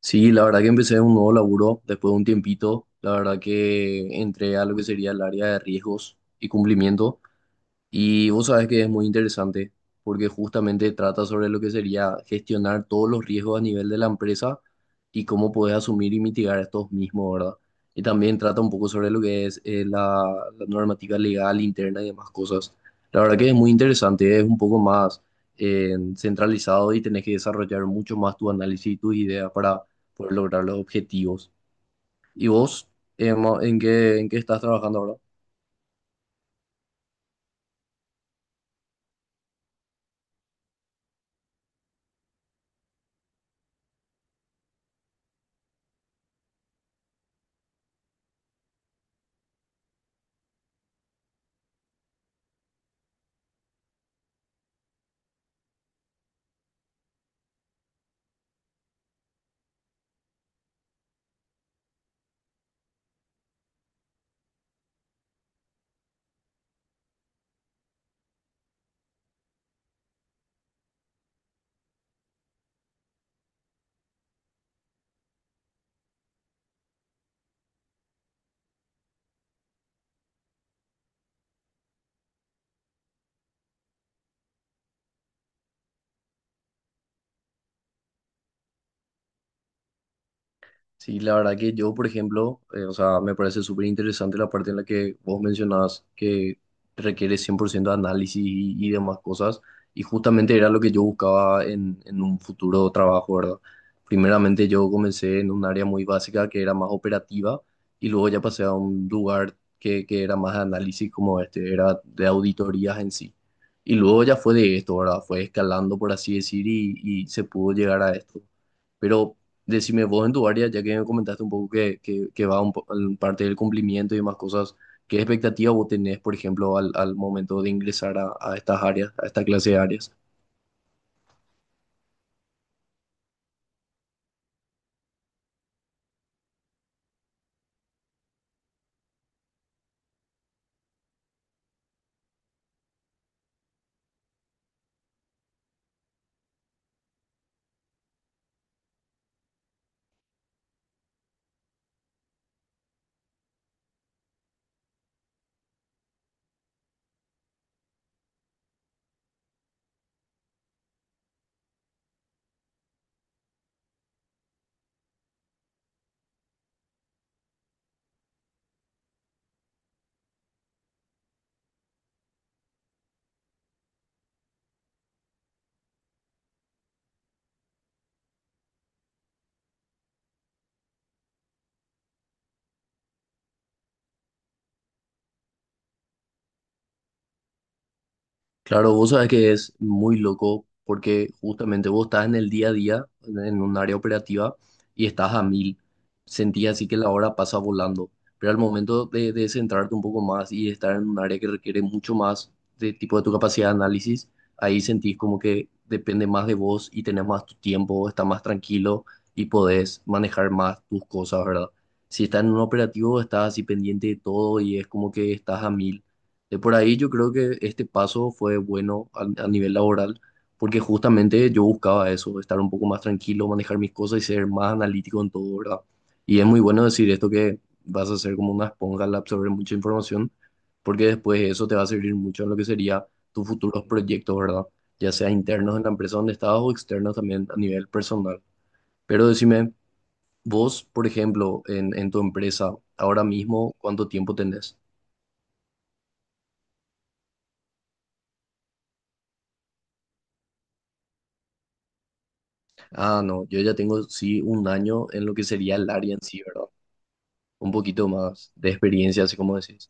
Sí, la verdad que empecé un nuevo laburo después de un tiempito. La verdad que entré a lo que sería el área de riesgos y cumplimiento. Y vos sabés que es muy interesante porque justamente trata sobre lo que sería gestionar todos los riesgos a nivel de la empresa y cómo podés asumir y mitigar estos mismos, ¿verdad? Y también trata un poco sobre lo que es la normativa legal interna y demás cosas. La verdad que es muy interesante, es un poco más centralizado y tenés que desarrollar mucho más tu análisis y tus ideas para poder lograr los objetivos. ¿Y vos, Emma, en qué estás trabajando ahora? Sí, la verdad que yo, por ejemplo, o sea, me parece súper interesante la parte en la que vos mencionabas que requiere 100% de análisis y demás cosas, y justamente era lo que yo buscaba en un futuro trabajo, ¿verdad? Primeramente yo comencé en un área muy básica que era más operativa, y luego ya pasé a un lugar que era más de análisis como este, era de auditorías en sí. Y luego ya fue de esto, ¿verdad? Fue escalando, por así decir, y se pudo llegar a esto. Pero decime vos en tu área, ya que me comentaste un poco que va en parte del cumplimiento y demás cosas, ¿qué expectativa vos tenés, por ejemplo, al momento de ingresar a estas áreas, a esta clase de áreas? Claro, vos sabés que es muy loco porque justamente vos estás en el día a día, en un área operativa, y estás a mil. Sentís así que la hora pasa volando. Pero al momento de centrarte un poco más y de estar en un área que requiere mucho más de tipo de tu capacidad de análisis, ahí sentís como que depende más de vos y tenés más tu tiempo, estás más tranquilo y podés manejar más tus cosas, ¿verdad? Si estás en un operativo, estás así pendiente de todo y es como que estás a mil de por ahí yo creo que este paso fue bueno a nivel laboral, porque justamente yo buscaba eso, estar un poco más tranquilo, manejar mis cosas y ser más analítico en todo, ¿verdad? Y es muy bueno decir esto que vas a ser como una esponja al absorber mucha información, porque después eso te va a servir mucho en lo que sería tus futuros proyectos, ¿verdad? Ya sea internos en la empresa donde estás o externos también a nivel personal. Pero decime, vos, por ejemplo, en tu empresa, ahora mismo, ¿cuánto tiempo tenés? Ah, no, yo ya tengo sí un año en lo que sería el área en sí, ¿verdad? Un poquito más de experiencia, así como decís.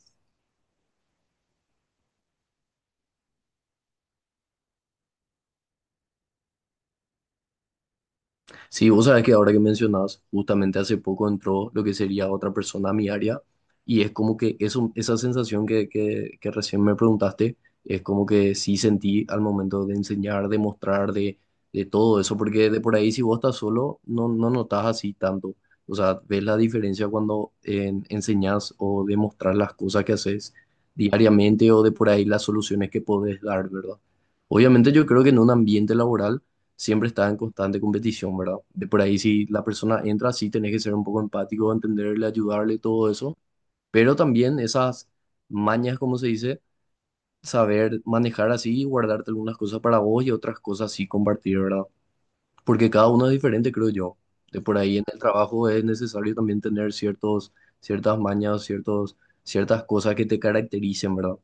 Sí, vos sabés que ahora que mencionás, justamente hace poco entró lo que sería otra persona a mi área y es como que eso, esa sensación que recién me preguntaste, es como que sí sentí al momento de enseñar, de mostrar, de todo eso, porque de por ahí si vos estás solo, no notas así tanto. O sea, ves la diferencia cuando enseñas enseñás o demostrar las cosas que haces diariamente o de por ahí las soluciones que podés dar, ¿verdad? Obviamente yo creo que en un ambiente laboral siempre está en constante competición, ¿verdad? De por ahí si la persona entra, sí tenés que ser un poco empático, entenderle, ayudarle, todo eso, pero también esas mañas, como se dice, saber manejar así y guardarte algunas cosas para vos y otras cosas sí compartir, ¿verdad? Porque cada uno es diferente, creo yo. De por ahí en el trabajo es necesario también tener ciertos, ciertas mañas, ciertos, ciertas cosas que te caractericen, ¿verdad?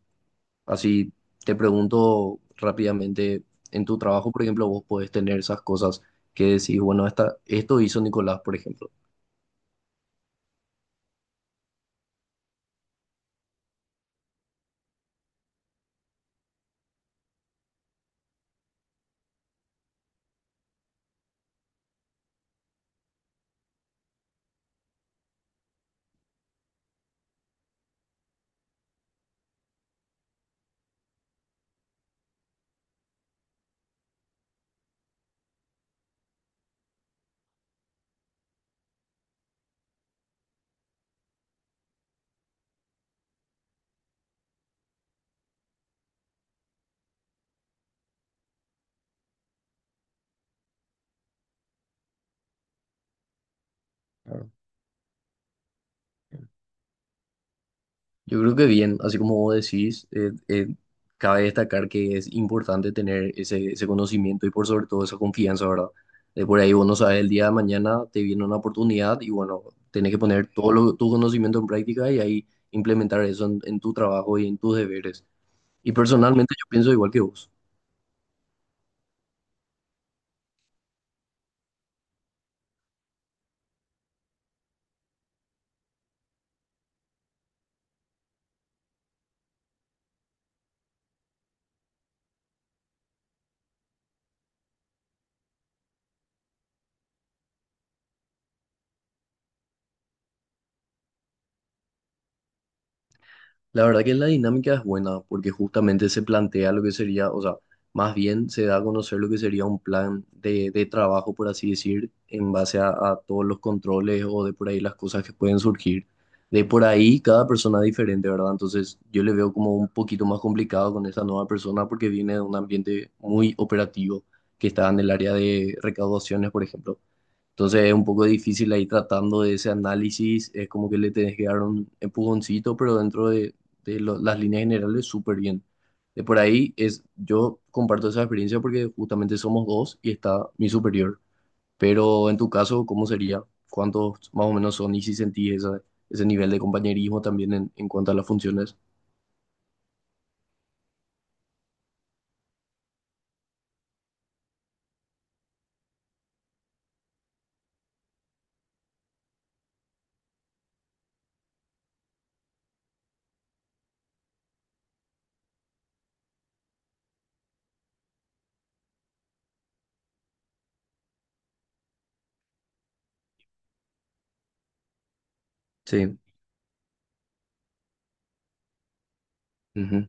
Así te pregunto rápidamente, en tu trabajo, por ejemplo, vos podés tener esas cosas que decís, bueno, esta, esto hizo Nicolás, por ejemplo. Claro. Yo creo que bien, así como vos decís, cabe destacar que es importante tener ese conocimiento y por sobre todo esa confianza, ¿verdad? De por ahí vos no sabes, el día de mañana te viene una oportunidad y bueno, tenés que poner tu conocimiento en práctica y ahí implementar eso en tu trabajo y en tus deberes. Y personalmente yo pienso igual que vos. La verdad que la dinámica es buena porque justamente se plantea lo que sería, o sea, más bien se da a conocer lo que sería un plan de trabajo, por así decir, en base a todos los controles o de por ahí las cosas que pueden surgir. De por ahí cada persona es diferente, ¿verdad? Entonces yo le veo como un poquito más complicado con esta nueva persona porque viene de un ambiente muy operativo que está en el área de recaudaciones, por ejemplo. Entonces es un poco difícil ahí tratando de ese análisis, es como que le tenés que dar un empujoncito, pero dentro las líneas generales súper bien. De por ahí es, yo comparto esa experiencia porque justamente somos dos y está mi superior. Pero en tu caso, ¿cómo sería? ¿Cuántos más o menos son y si sentís ese nivel de compañerismo también en cuanto a las funciones? Sí. Ujú.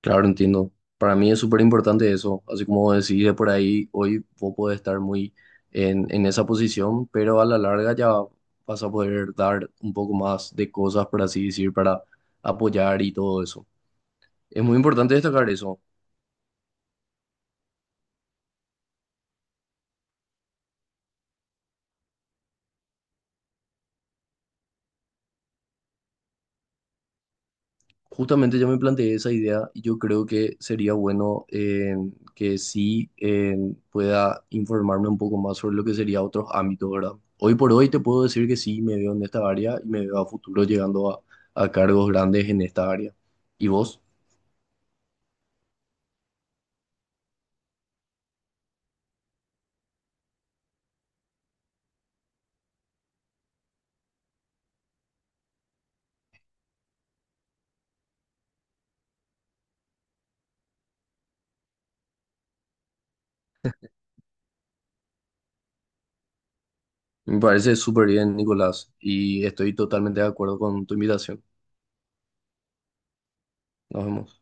Claro, entiendo. Para mí es súper importante eso. Así como decís de por ahí, hoy vos podés estar muy en esa posición, pero a la larga ya vas a poder dar un poco más de cosas, por así decir, para apoyar y todo eso. Es muy importante destacar eso. Justamente yo me planteé esa idea y yo creo que sería bueno que sí pueda informarme un poco más sobre lo que sería otros ámbitos, ¿verdad? Hoy por hoy te puedo decir que sí me veo en esta área y me veo a futuro llegando a cargos grandes en esta área. ¿Y vos? Me parece súper bien, Nicolás, y estoy totalmente de acuerdo con tu invitación. Nos vemos.